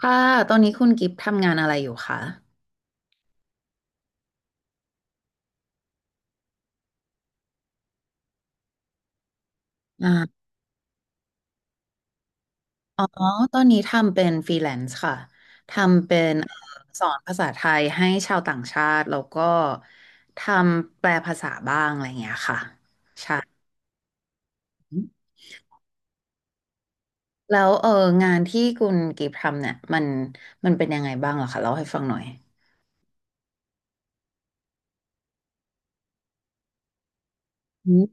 ค่ะตอนนี้คุณกิฟต์ทำงานอะไรอยู่คะอ่าอ๋อ ตอนนี้ทำเป็นฟรีแลนซ์ค่ะ ทำเป็นสอนภาษาไทยให้ชาวต่างชาติ แล้วก็ทำแปลภาษาบ้างอะไรอย่างเงี้ยค่ะ แล้วงานที่คุณกิฟต์ทำเนี่ยมันเป็นยังไงบ้างเหรอคะเล่าให้ฟังหน่อยอืม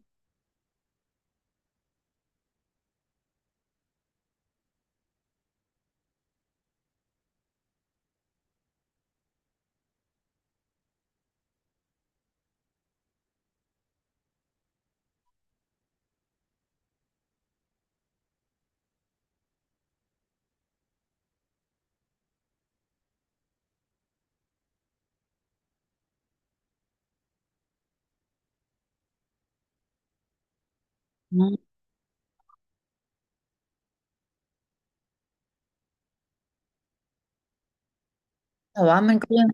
แต่ว่ามันก็ยัง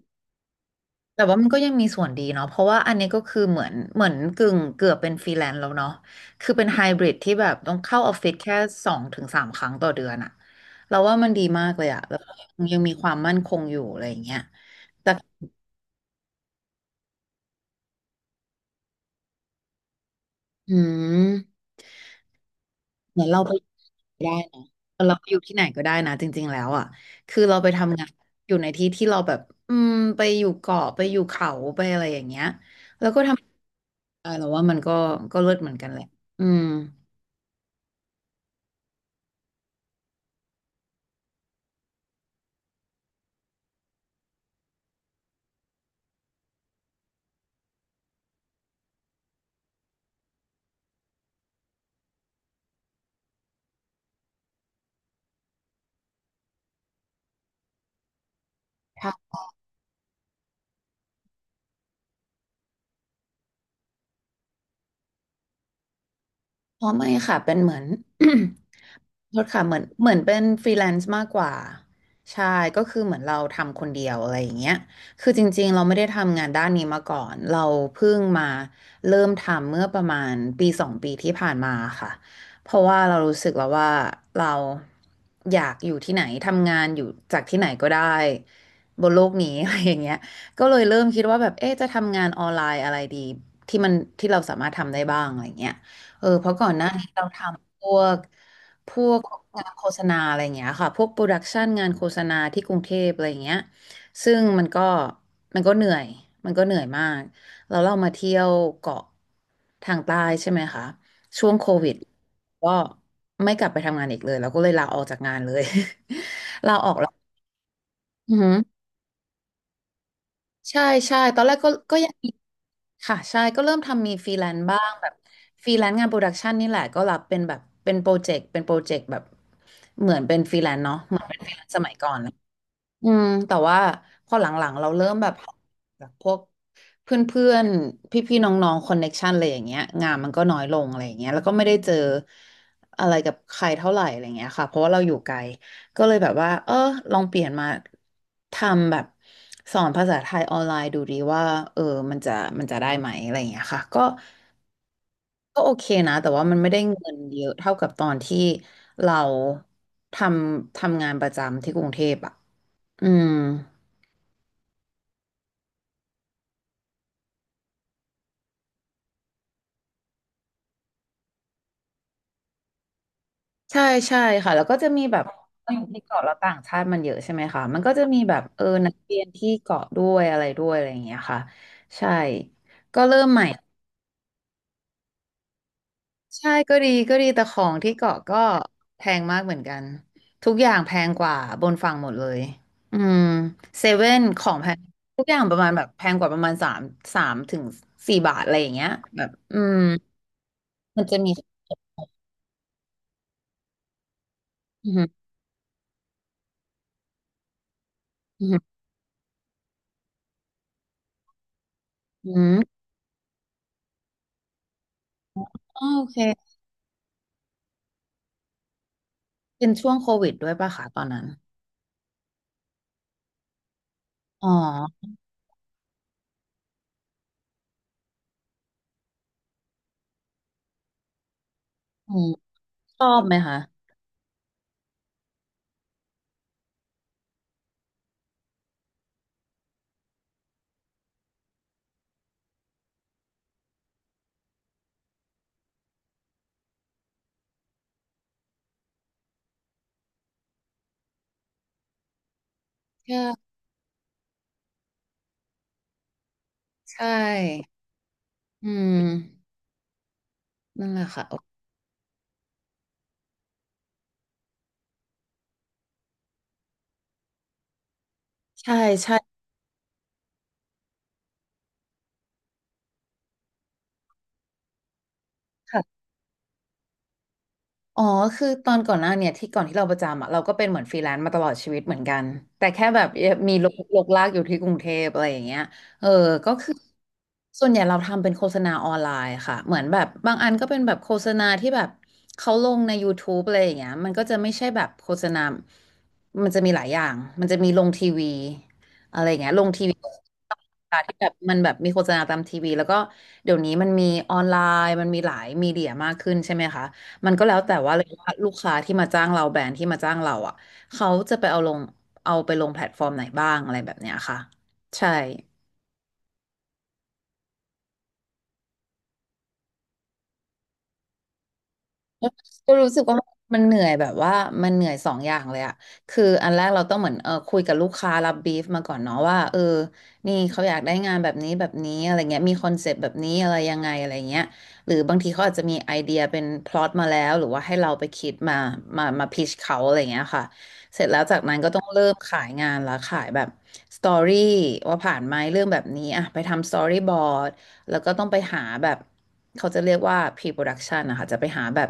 แต่ว่ามันก็ยังมีส่วนดีเนาะเพราะว่าอันนี้ก็คือเหมือนกึ่งเกือบเป็นฟรีแลนซ์แล้วเนาะคือเป็นไฮบริดที่แบบต้องเข้าออฟฟิศแค่สองถึงสามครั้งต่อเดือนอะเราว่ามันดีมากเลยอะแล้วก็ยังมีความมั่นคงอยู่อะไรอย่างเงี้ยแต่อืมเหมือนเราไปได้นะเราไปอยู่ที่ไหนก็ได้นะจริงๆแล้วอะคือเราไปทำงานอยู่ในที่ที่เราแบบอืมไปอยู่เกาะไปอยู่เขาไปอะไรอย่างเงี้ยแล้วก็ทำได้เราว่ามันก็เลิศเหมือนกันแหละอืม อ๋อไม่ค่ะเป็นเหมือน โทษค่ะเหมือนเป็นฟรีแลนซ์มากกว่าใช่ก็คือเหมือนเราทำคนเดียวอะไรอย่างเงี้ยคือจริงๆเราไม่ได้ทำงานด้านนี้มาก่อนเราเพิ่งมาเริ่มทำเมื่อประมาณปีสองปีที่ผ่านมาค่ะเพราะว่าเรารู้สึกแล้วว่าเราอยากอยู่ที่ไหนทำงานอยู่จากที่ไหนก็ได้บนโลกนี้ อะไรอย่างเงี้ยก็เลยเริ่มคิดว่าแบบเอ๊ะจะทำงานออนไลน์อะไรดีที่มันที่เราสามารถทำได้บ้างอะไรอย่างเงี้ย เออเพราะก่อนหน้านี้เราทำพวกงานโฆษณาอะไรอย่างเงี้ยค่ะพวกโปรดักชันงานโฆษณาที่กรุงเทพอะไรอย่างเงี้ยซึ่งมันก็เหนื่อยมันก็เหนื่อยมากเรามาเที่ยวเกาะทางใต้ใช่ไหมคะช่วงโควิดก็ไม่กลับไปทำงานอีกเลยเราก็เลยลาออกจากงานเลย ลาออกแล้วอือหือใช่ใช่ตอนแรกก็ยัง ค่ะใช่ก็เริ่มทำมีฟรีแลนซ์บ้างแบบฟรีแลนซ์งานโปรดักชันนี่แหละก็รับเป็นแบบเป็นโปรเจกต์เป็นโปรเจกต์แบบเหมือนเป็นฟรีแลนซ์เนาะเหมือนเป็นอืมแต่ว่าพอหลังๆเราเริ่มแบบพวกเพื่อนๆพี่ๆน้องๆคอนเน็กชันอะไรอย่างเงี้ยงานมันก็น้อยลงอะไรอย่างเงี้ยแล้วก็ไม่ได้เจออะไรกับใครเท่าไหร่อะไรอย่างเงี้ยค่ะเพราะว่าเราอยู่ไกลก็เลยแบบว่าเออลองเปลี่ยนมาทำแบบสอนภาษาไทยออนไลน์ดูดีว่าเออมันจะมันจะได้ไหมอะไรอย่างเงี้ยค่ะก็ ก็โอเคนะแต่ว่ามันไม่ได้เงินเยอะเท่ากับตอนที่เราททำงานประจำที่กรุงเทพอ่ะอืมใช่ใช่ค่ะแล้วก็จะมีแบบเราอยู่ที่เกาะแล้วต่างชาติมันเยอะใช่ไหมคะมันก็จะมีแบบเออนักเรียนที่เกาะด้วยอะไรด้วยอะไรอย่างเงี้ยค่ะใช่ก็เริ่มใหม่ ใช่ก็ดีก็ดีแต่ของที่เกาะก็แพงมากเหมือนกันทุกอย่างแพงกว่าบนฝั่งหมดเลยอืมเซเว่นของแพงทุกอย่างประมาณแบบแพงกว่าประมาณสามถึงสี่บาทอะไรอย่างเงี้ยแบบอืมมันจะมีอืมอหืมออืมอ๋อโอเคเป็นช่วงโควิดด้วยป่ะคะตอนนั้นอ๋ออืมชอบไหมคะใช่ใช่อืมนั่นแหละค่ะใช่ใช่ อ๋อคือตอนก่อนหน้าเนี่ยก่อนที่เราประจำอ่ะเราก็เป็นเหมือนฟรีแลนซ์มาตลอดชีวิตเหมือนกันแต่แค่แบบมีลากอยู่ที่กรุงเทพอะไรอย่างเงี้ยเออก็คือส่วนใหญ่เราทำเป็นโฆษณาออนไลน์ค่ะเหมือนแบบบางอันก็เป็นแบบโฆษณาที่แบบเขาลงใน YouTube อะไรอย่างเงี้ยมันก็จะไม่ใช่แบบโฆษณามันจะมีหลายอย่างมันจะมีลงทีวีอะไรอย่างเงี้ยลงทีวี่ที่แบบมีโฆษณาตามทีวีแล้วก็เดี๋ยวนี้มันมีออนไลน์มันมีหลายมีเดียมากขึ้นใช่ไหมคะ มันก็แล้วแต่ว่าเลยว่าลูกค้าที่มาจ้างเราแบรนด์ที่มาจ้างเราอ่ะเขาจะไปเอาลงเอาไปลงแพลตฟอร์มไหนบ้างอะไรแบบเนี้ยค่ะใช่ ก็รู้สึกว่ามันเหนื่อยแบบว่ามันเหนื่อยสองอย่างเลยอะคืออันแรกเราต้องเหมือนคุยกับลูกค้ารับบีฟมาก่อนเนาะว่านี่เขาอยากได้งานแบบนี้แบบนี้อะไรเงี้ยมีคอนเซปต์แบบนี้อะไรยังไงอะไรเงี้ยหรือบางทีเขาอาจจะมีไอเดียเป็นพล็อตมาแล้วหรือว่าให้เราไปคิดมาพิชเขาอะไรเงี้ยค่ะเสร็จแล้วจากนั้นก็ต้องเริ่มขายงานละขายแบบสตอรี่ว่าผ่านไหมเรื่องแบบนี้อะไปทำสตอรี่บอร์ดแล้วก็ต้องไปหาแบบเขาจะเรียกว่า pre-production นะคะจะไปหาแบบ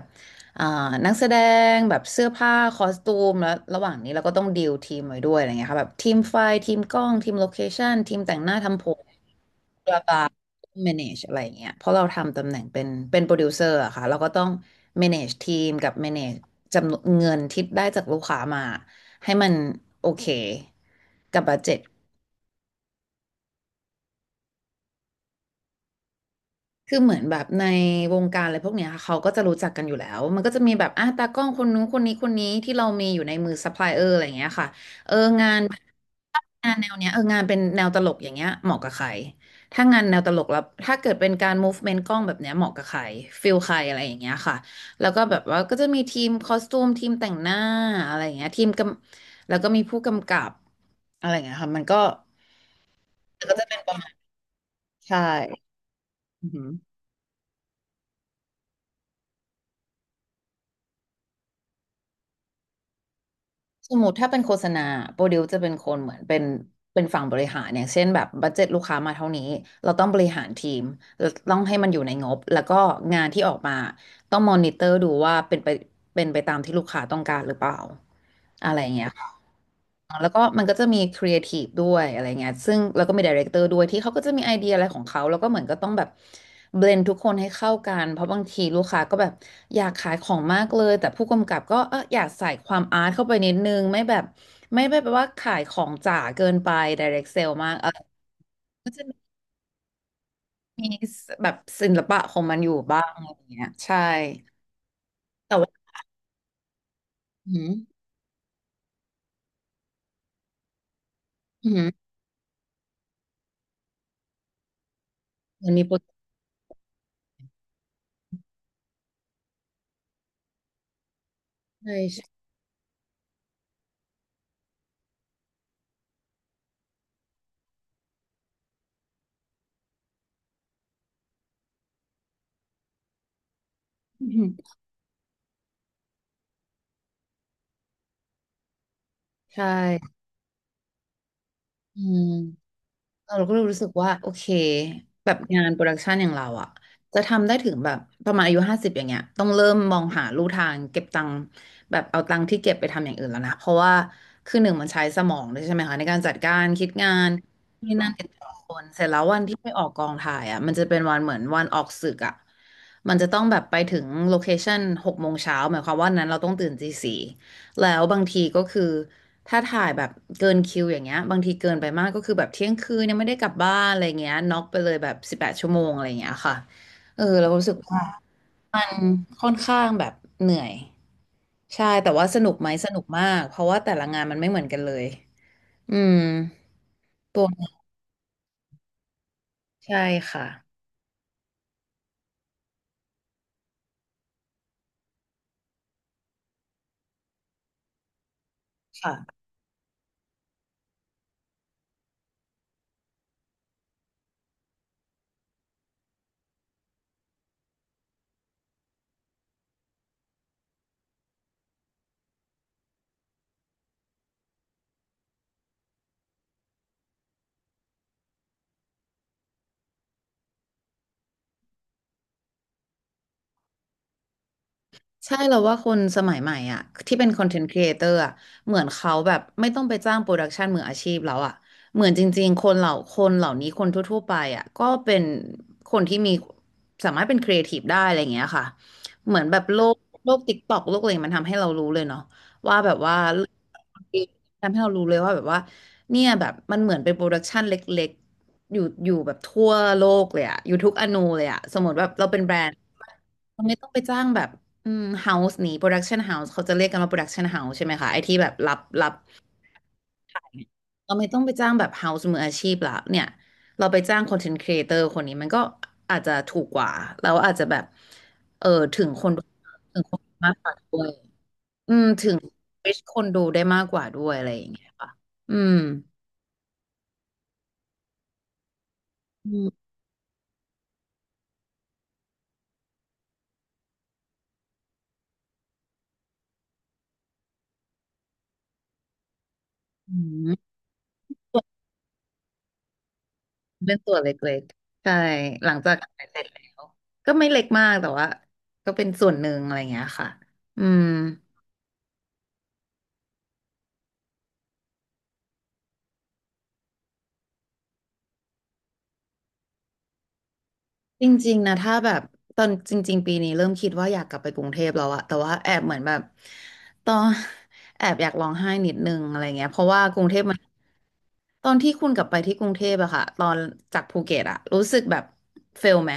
อ่านักแสดงแบบเสื้อผ้าคอสตูมแล้วระหว่างนี้เราก็ต้องดีลทีมไว้ด้วยอะไรเงี้ยค่ะแบบทีมไฟทีมกล้องทีมโลเคชั่นทีมแต่งหน้าทำผมบลาบลา manage อะไรเงี้ยเพราะเราทำตำแหน่งเป็นโปรดิวเซอร์อะค่ะเราก็ต้อง manage ทีมกับ manage จำนวนเงินที่ได้จากลูกค้ามาให้มันโอเคกับบัดเจ็ต คือเหมือนแบบในวงการอะไรพวกเนี้ยค่ะเขาก็จะรู้จักกันอยู่แล้วมันก็จะมีแบบอ่ะตากล้องคนนู้นคนนี้ที่เรามีอยู่ในมือซัพพลายเออร์อะไรอย่างเงี้ยค่ะเอองานงานแนวเนี้ยเอองานเป็นแนวตลกอย่างเงี้ยเหมาะกับใครถ้างานแนวตลกแล้วถ้าเกิดเป็นการ m ูฟเมนต์กล้องแบบเนี้ยเหมาะกับใครฟิลใครอะไรอย่างเงี้ยค่ะแล้วก็แบบว่าก็จะมีทีมคอสตูมทีมแต่งหน้าอะไรอย่างเงี้ยทีมกำแล้วก็มีผู้กำกับอะไรอย่างเงี้ยค่ะมันก็ก็จะเป็นประมาณใช่อือหือ สมมติถ้าเป็นโฆษณาโปรดิวจะเป็นคนเหมือนเป็นฝั่งบริหารอย่างเช่นแบบบัดเจ็ตลูกค้ามาเท่านี้เราต้องบริหารทีมเราต้องให้มันอยู่ในงบแล้วก็งานที่ออกมาต้องมอนิเตอร์ดูว่าเป็นไปตามที่ลูกค้าต้องการหรือเปล่าอะไรอย่างเงี้ยค่ะ แล้วก็มันก็จะมีครีเอทีฟด้วยอะไรเงี้ยซึ่งแล้วก็มีไดเรคเตอร์ด้วยที่เขาก็จะมีไอเดียอะไรของเขาแล้วก็เหมือนก็ต้องแบบเบลนทุกคนให้เข้ากันเพราะบางทีลูกค้าก็แบบอยากขายของมากเลยแต่ผู้กำกับก็อยากใส่ความอาร์ตเข้าไปนิดนึงไม่แบบไม่ได้แบบว่าขายของจ๋าเกินไปไดเรคเซลมากก็จะมีแบบศิลปะของมันอยู่บ้างอะไรเงี้ยใช่แต่ว่าอืมอืมมันมีโปรเจกต์ใช่ใช่ใช่อืม เราก็รู้สึกว่าโอเคแบบงานโปรดักชันอย่างเราอะจะทำได้ถึงแบบประมาณอายุ50อย่างเงี้ยต้องเริ่มมองหาลู่ทางเก็บตังค์แบบเอาตังค์ที่เก็บไปทำอย่างอื่นแล้วนะเพราะว่าคือหนึ่งมันใช้สมองด้วยใช่ไหมคะในการจัดการคิดงานนี่นั่นติดต่อคนเสร็จแล้ววันที่ไปออกกองถ่ายอะมันจะเป็นวันเหมือนวันออกสึกอะมันจะต้องแบบไปถึงโลเคชั่น6 โมงเช้าหมายความว่านั้นเราต้องตื่นตี 4 แล้วบางทีก็คือถ้าถ่ายแบบเกินคิวอย่างเงี้ยบางทีเกินไปมากก็คือแบบเที่ยงคืนยังไม่ได้กลับบ้านอะไรเงี้ยน็อกไปเลยแบบ18 ชั่วโมงอะไรเงี้ยค่ะเออเรารู้สึกว่ามันค่อนข้างแบบเหนื่อยใช่แต่ว่าสนุกไหมสนุกมากเพราะว่าแต่ละงานมันไม่เหมือนกันเลยอืมตัวนี้ใช่ค่ะค่ะ ใช่เราว่าคนสมัยใหม่อ่ะที่เป็นคอนเทนต์ครีเอเตอร์อ่ะเหมือนเขาแบบไม่ต้องไปจ้างโปรดักชันมืออาชีพแล้วอ่ะเหมือนจริงๆคนเหล่าคนเหล่านี้คนทั่วๆไปอ่ะก็เป็นคนที่มีสามารถเป็นครีเอทีฟได้อะไรอย่างเงี้ยค่ะเหมือนแบบโลกติ๊กต็อกโลกอะไรมันทำให้เรารู้เลยเนาะว่าแบบว่าทำให้เรารู้เลยว่าแบบว่าเนี่ยแบบมันเหมือนเป็นโปรดักชันเล็กๆอยู่แบบทั่วโลกเลยอ่ะอยู่ทุกอนูเลยอ่ะสมมติแบบเราเป็นแบรนด์เราไม่ต้องไปจ้างแบบ อืมเฮาส์นี้โปรดักชันเฮาส์เขาจะเรียกกันว่าโปรดักชันเฮาส์ใช่ไหมคะไอที่แบบรับเราไม่ต้องไปจ้างแบบเฮาส์มืออาชีพละเนี่ยเราไปจ้างคอนเทนต์ครีเอเตอร์คนนี้มันก็อาจจะถูกกว่าแล้วอาจจะแบบเออถึงคนดูถึงคนดูมากกว่าด้วยอืมถึง reach คนดูได้มากกว่าด้วยอะไรอย่างเงี้ยค่ะอืมอืมอืมเป็นตัวเล็กๆใช่หลังจากขายเสร็จแล้วก็ไม่เล็กมากแต่ว่าก็เป็นส่วนหนึ่งอะไรอย่างเงี้ยค่ะอืม จริงๆนะถ้าแบบตอนจริงๆปีนี้เริ่มคิดว่าอยากกลับไปกรุงเทพแล้วอะแต่ว่าแอบเหมือนแบบตอน แอบอยากร้องไห้นิดนึงอะไรเงี้ยเพราะว่ากรุงเทพมันตอนที่คุณกลับไปที่กรุงเทพอะค่ะตอนจากภูเก็ตอะรู้สึกแบบเฟลไหม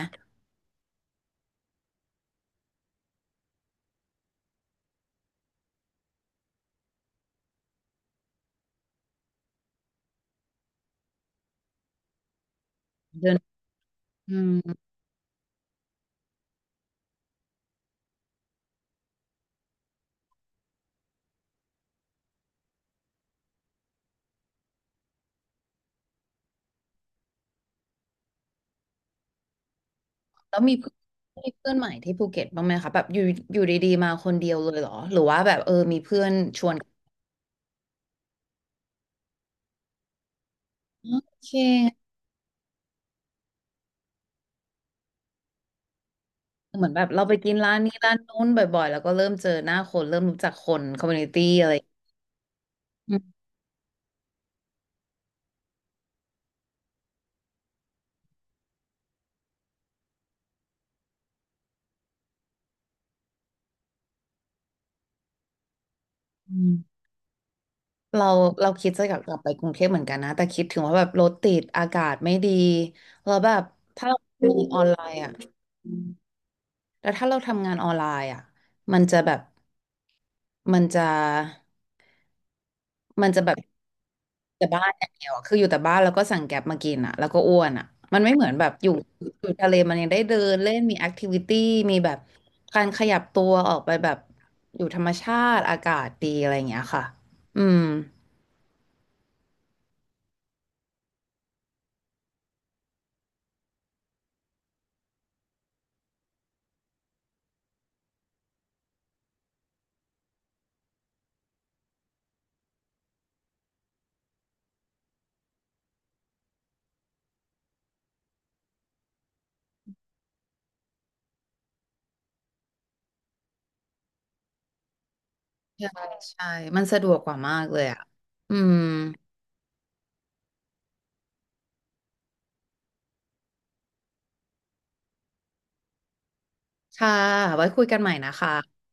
เดินอืมแล้วมีเพื่อนมีเพื่อนใหม่ที่ภูเก็ตบ้างไหมคะแบบอยู่อยู่ดีๆมาคนเดียวเลยเหรอหรือว่าแบบมีเพื่อนชวนอ๋อโอเคเหมือนแบบเราไปกินร้านนี้ร้านนู้นบ่อยๆแล้วก็เริ่มเจอหน้าคนเริ่มรู้จักคนคอมมูนิตี้อะไรอืม เราเราคิดจะอยากกลับไปกรุงเทพเหมือนกันนะแต่คิดถึงว่าแบบรถติดอากาศไม่ดีแล้วแบบถ้าเราทำงานออนไลน์อ่ะแล้วถ้าเราทำงานออนไลน์อ่ะมันจะแบบมันจะมันจะแบบแต่บ้านอย่างเดียวอะคืออยู่แต่บ้านแล้วก็สั่งแก๊บมากินอ่ะแล้วก็อ้วนอ่ะมันไม่เหมือนแบบอยู่อยู่ทะเลมันยังได้เดินเล่นมีแอคทิวิตี้มีแบบการขยับตัวออกไปแบบอยู่ธรรมชาติอากาศดีอะไรอย่างเงี้ยค่ะอืมใช่ใช่มันสะดวกกว่ามากเลยอ่ะอืม ค่ะไว้คุยกันใหม่นะคะ